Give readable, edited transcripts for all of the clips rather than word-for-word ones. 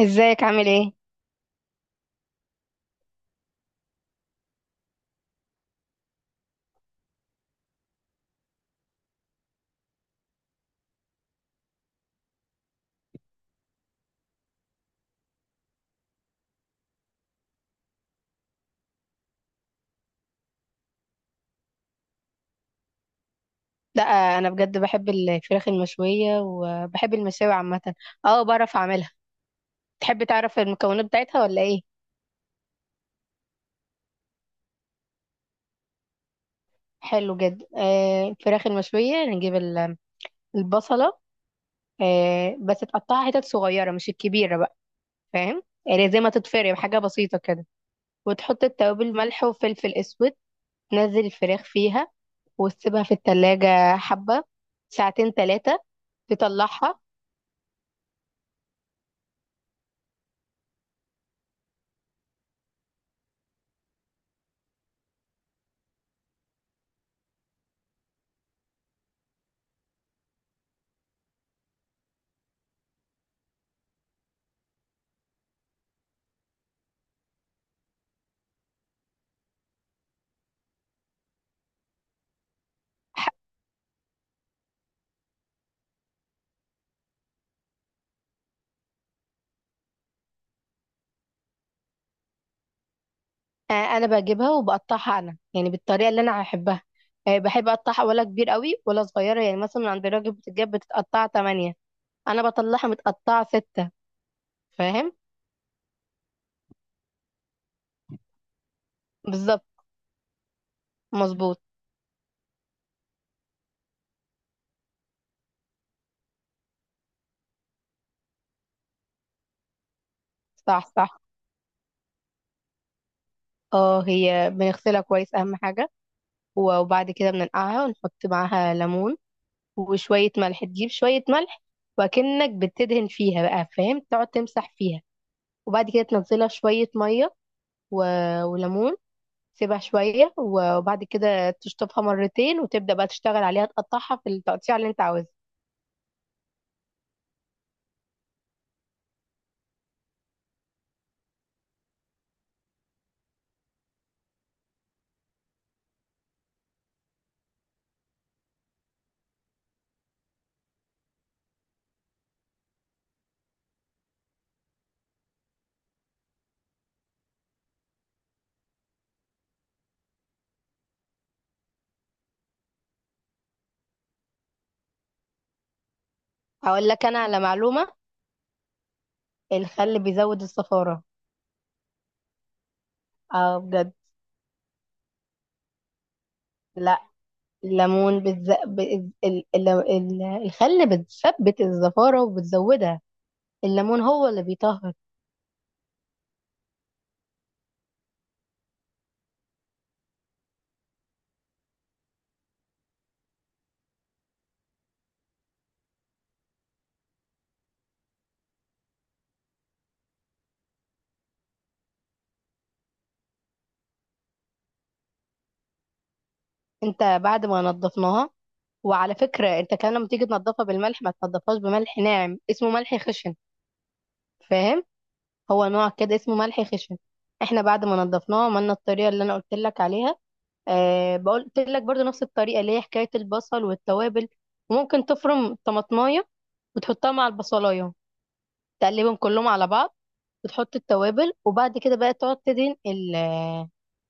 ازيك عامل ايه؟ لا، انا بجد بحب الفراخ المشوية وبحب المشاوي عامة. اه، بعرف اعملها. تحب تعرف المكونات بتاعتها ولا ايه؟ حلو جدا. الفراخ المشوية نجيب البصلة. آه، بس تقطعها حتت صغيرة مش الكبيرة بقى. فاهم؟ يعني زي ما تتفرم حاجة بسيطة كده. وتحط التوابل، ملح وفلفل اسود. تنزل الفراخ فيها وتسيبها في التلاجة حبة، ساعتين تلاتة، تطلعها. انا بجيبها وبقطعها انا يعني بالطريقه اللي انا هحبها. بحب اقطعها، ولا كبير قوي ولا صغيره. يعني مثلا من عند الراجل بتتجاب بتتقطع 8، انا بطلعها متقطعه 6. فاهم؟ بالظبط. مظبوط. صح، صح. اه، هي بنغسلها كويس اهم حاجه. وبعد كده بننقعها ونحط معاها ليمون وشويه ملح. تجيب شويه ملح وكأنك بتدهن فيها بقى، فاهم، تقعد تمسح فيها. وبعد كده تنزلها في شويه ميه و... وليمون. سيبها شوية وبعد كده تشطفها مرتين وتبدأ بقى تشتغل عليها، تقطعها في التقطيع اللي انت عاوزها. هقول لك انا على معلومة: الخل بيزود الصفارة. اه، بجد. لا، الليمون الخل بتثبت الزفارة وبتزودها. الليمون هو اللي بيطهر. انت بعد ما نضفناها، وعلى فكرة انت كان لما تيجي تنضفها بالملح، ما تنضفهاش بملح ناعم، اسمه ملح خشن. فاهم؟ هو نوع كده اسمه ملح خشن. احنا بعد ما نضفناها عملنا الطريقة اللي انا قلت لك عليها. أه، قلت لك برضو نفس الطريقة اللي هي حكاية البصل والتوابل. وممكن تفرم طماطماية وتحطها مع البصلاية، تقلبهم كلهم على بعض. وتحط التوابل، وبعد كده بقى تقعد تدهن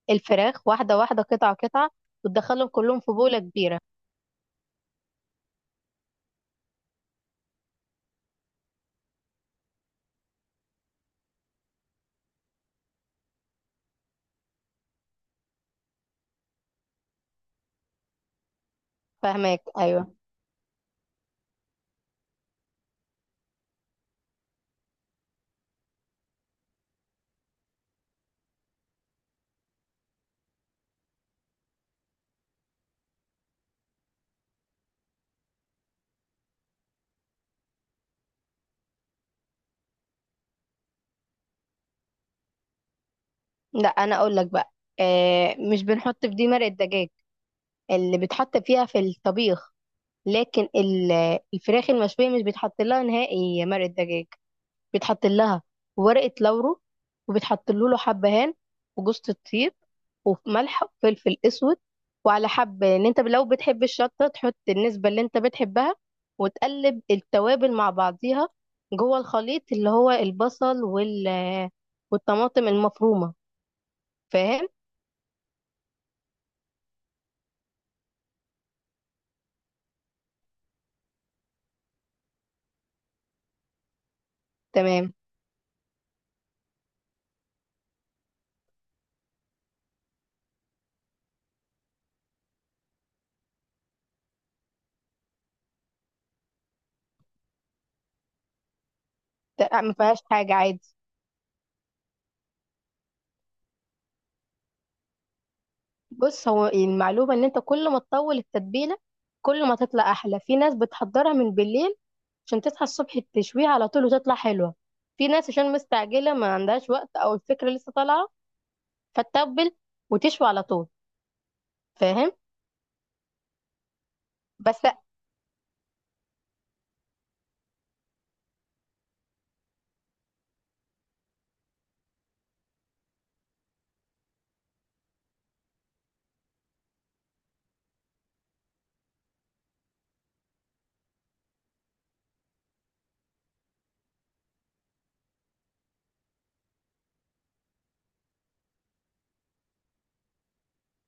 الفراخ واحدة واحدة، قطعة قطعة، وتدخلهم كلهم في بولة كبيرة. فاهماك. أيوة. لا، أنا أقول لك بقى. أه، مش بنحط في دي مرق الدجاج اللي بتحط فيها في الطبيخ. لكن الفراخ المشوية مش بيتحط لها نهائي مرق الدجاج. بيتحط لها ورقة لورو، وبيتحط له حبهان، وجوزة الطيب، وملح وفلفل اسود. وعلى حبة، ان انت لو بتحب الشطة، تحط النسبة اللي انت بتحبها. وتقلب التوابل مع بعضيها جوه الخليط اللي هو البصل والطماطم المفرومة. فاهم؟ تمام. ما فيهاش حاجة، عادي. بص، هو المعلومة ان انت كل ما تطول التتبيلة، كل ما تطلع احلى. في ناس بتحضرها من بالليل عشان تصحى الصبح تشويها على طول وتطلع حلوة. في ناس عشان مستعجلة ما عندهاش وقت، أو الفكرة لسه طالعة، فتتبل وتشوي على طول. فاهم؟ بس.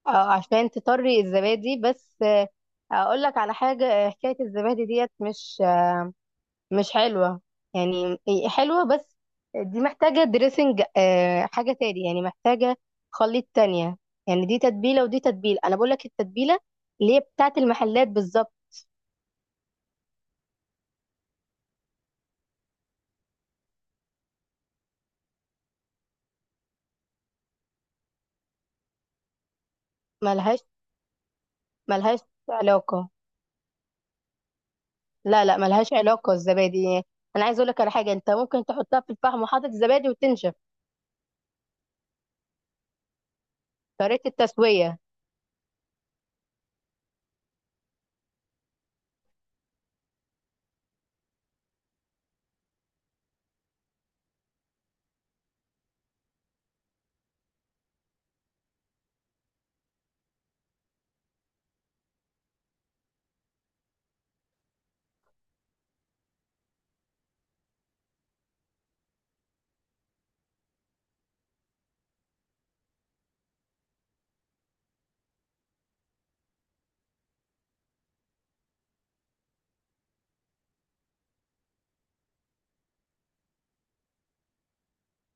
آه، عشان تطري الزبادي بس. آه، أقول لك على حاجة، حكاية الزبادي ديت مش مش حلوة. يعني هي حلوة، بس دي محتاجة دريسنج، حاجة تاني، يعني محتاجة خليط تانية. يعني دي تتبيلة ودي تتبيلة. أنا بقول لك التتبيلة اللي هي بتاعت المحلات بالظبط. ملهاش، ملهاش علاقة. لا لا، ملهاش علاقة الزبادي. أنا عايز أقولك على حاجة: أنت ممكن تحطها في الفحم وحاطط الزبادي وتنشف. طريقة التسوية.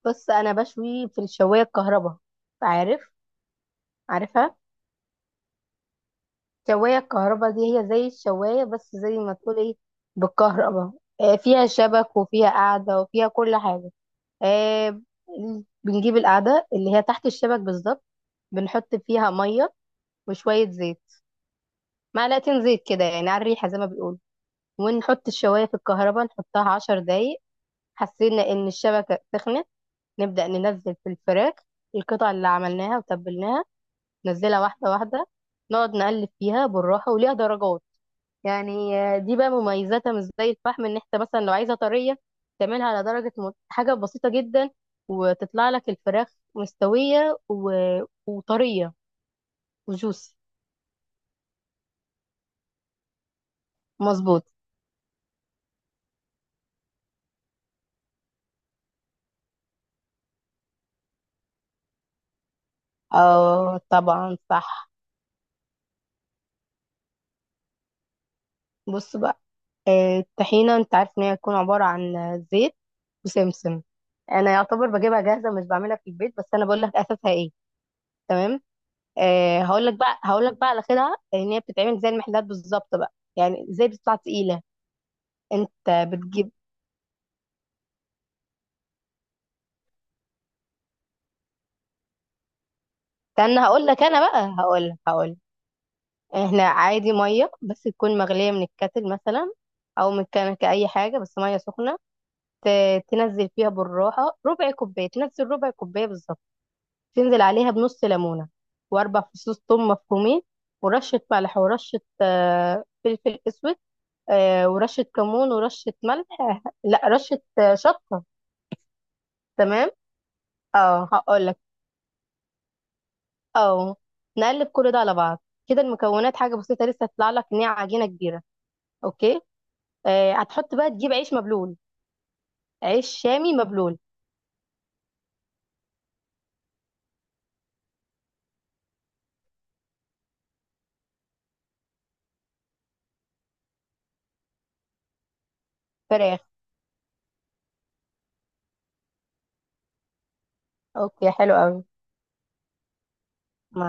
بص، أنا بشوي في الشواية الكهرباء. عارف؟ عارفها. الشواية الكهرباء دي هي زي الشواية، بس زي ما تقول إيه، بالكهرباء. فيها شبك وفيها قعدة وفيها كل حاجة. آه، بنجيب القعدة اللي هي تحت الشبك بالظبط، بنحط فيها مية وشوية زيت. معلقتين زيت كده يعني، على الريحة زي ما بيقولوا. ونحط الشواية في الكهرباء، نحطها 10 دقايق. حسينا ان الشبكه سخنت، نبدا ننزل في الفراخ، القطع اللي عملناها وتبلناها. ننزلها واحده واحده، نقعد نقلب فيها بالراحه، وليها درجات. يعني دي بقى مميزاتها مش زي الفحم، ان انت مثلا لو عايزه طريه، تعملها على درجه حاجه بسيطه جدا، وتطلع لك الفراخ مستويه وطريه وجوسي. مظبوط. اه طبعا، صح. بص بقى، الطحينة انت عارف ان هي هتكون عبارة عن زيت وسمسم. انا يعتبر بجيبها جاهزة مش بعملها في البيت، بس انا بقول لك اساسها ايه. تمام. آه، هقول لك بقى على كده ان هي بتتعمل زي المحلات بالظبط بقى، يعني زي بتطلع تقيلة. انت بتجيب، استنى، هقول لك انا بقى هقول لك هقول لك. احنا عادي مية، بس تكون مغلية من الكاتل مثلا او من كنكة اي حاجة، بس مية سخنة. تنزل فيها بالراحة ربع كوباية، تنزل ربع كوباية بالظبط. تنزل عليها بنص ليمونة، وأربع فصوص ثوم مفرومين، ورشة ملح، ورشة فلفل أسود، ورشة كمون، ورشة ملح آه، لا رشة شطة. تمام. اه، هقول لك. اه، نقلب كل ده على بعض. كده المكونات حاجة بسيطة. لسه هتطلع لك إن هي عجينة كبيرة. اوكي. هتحط بقى، تجيب عيش مبلول، عيش شامي مبلول فراخ. اوكي، حلو قوي. مع.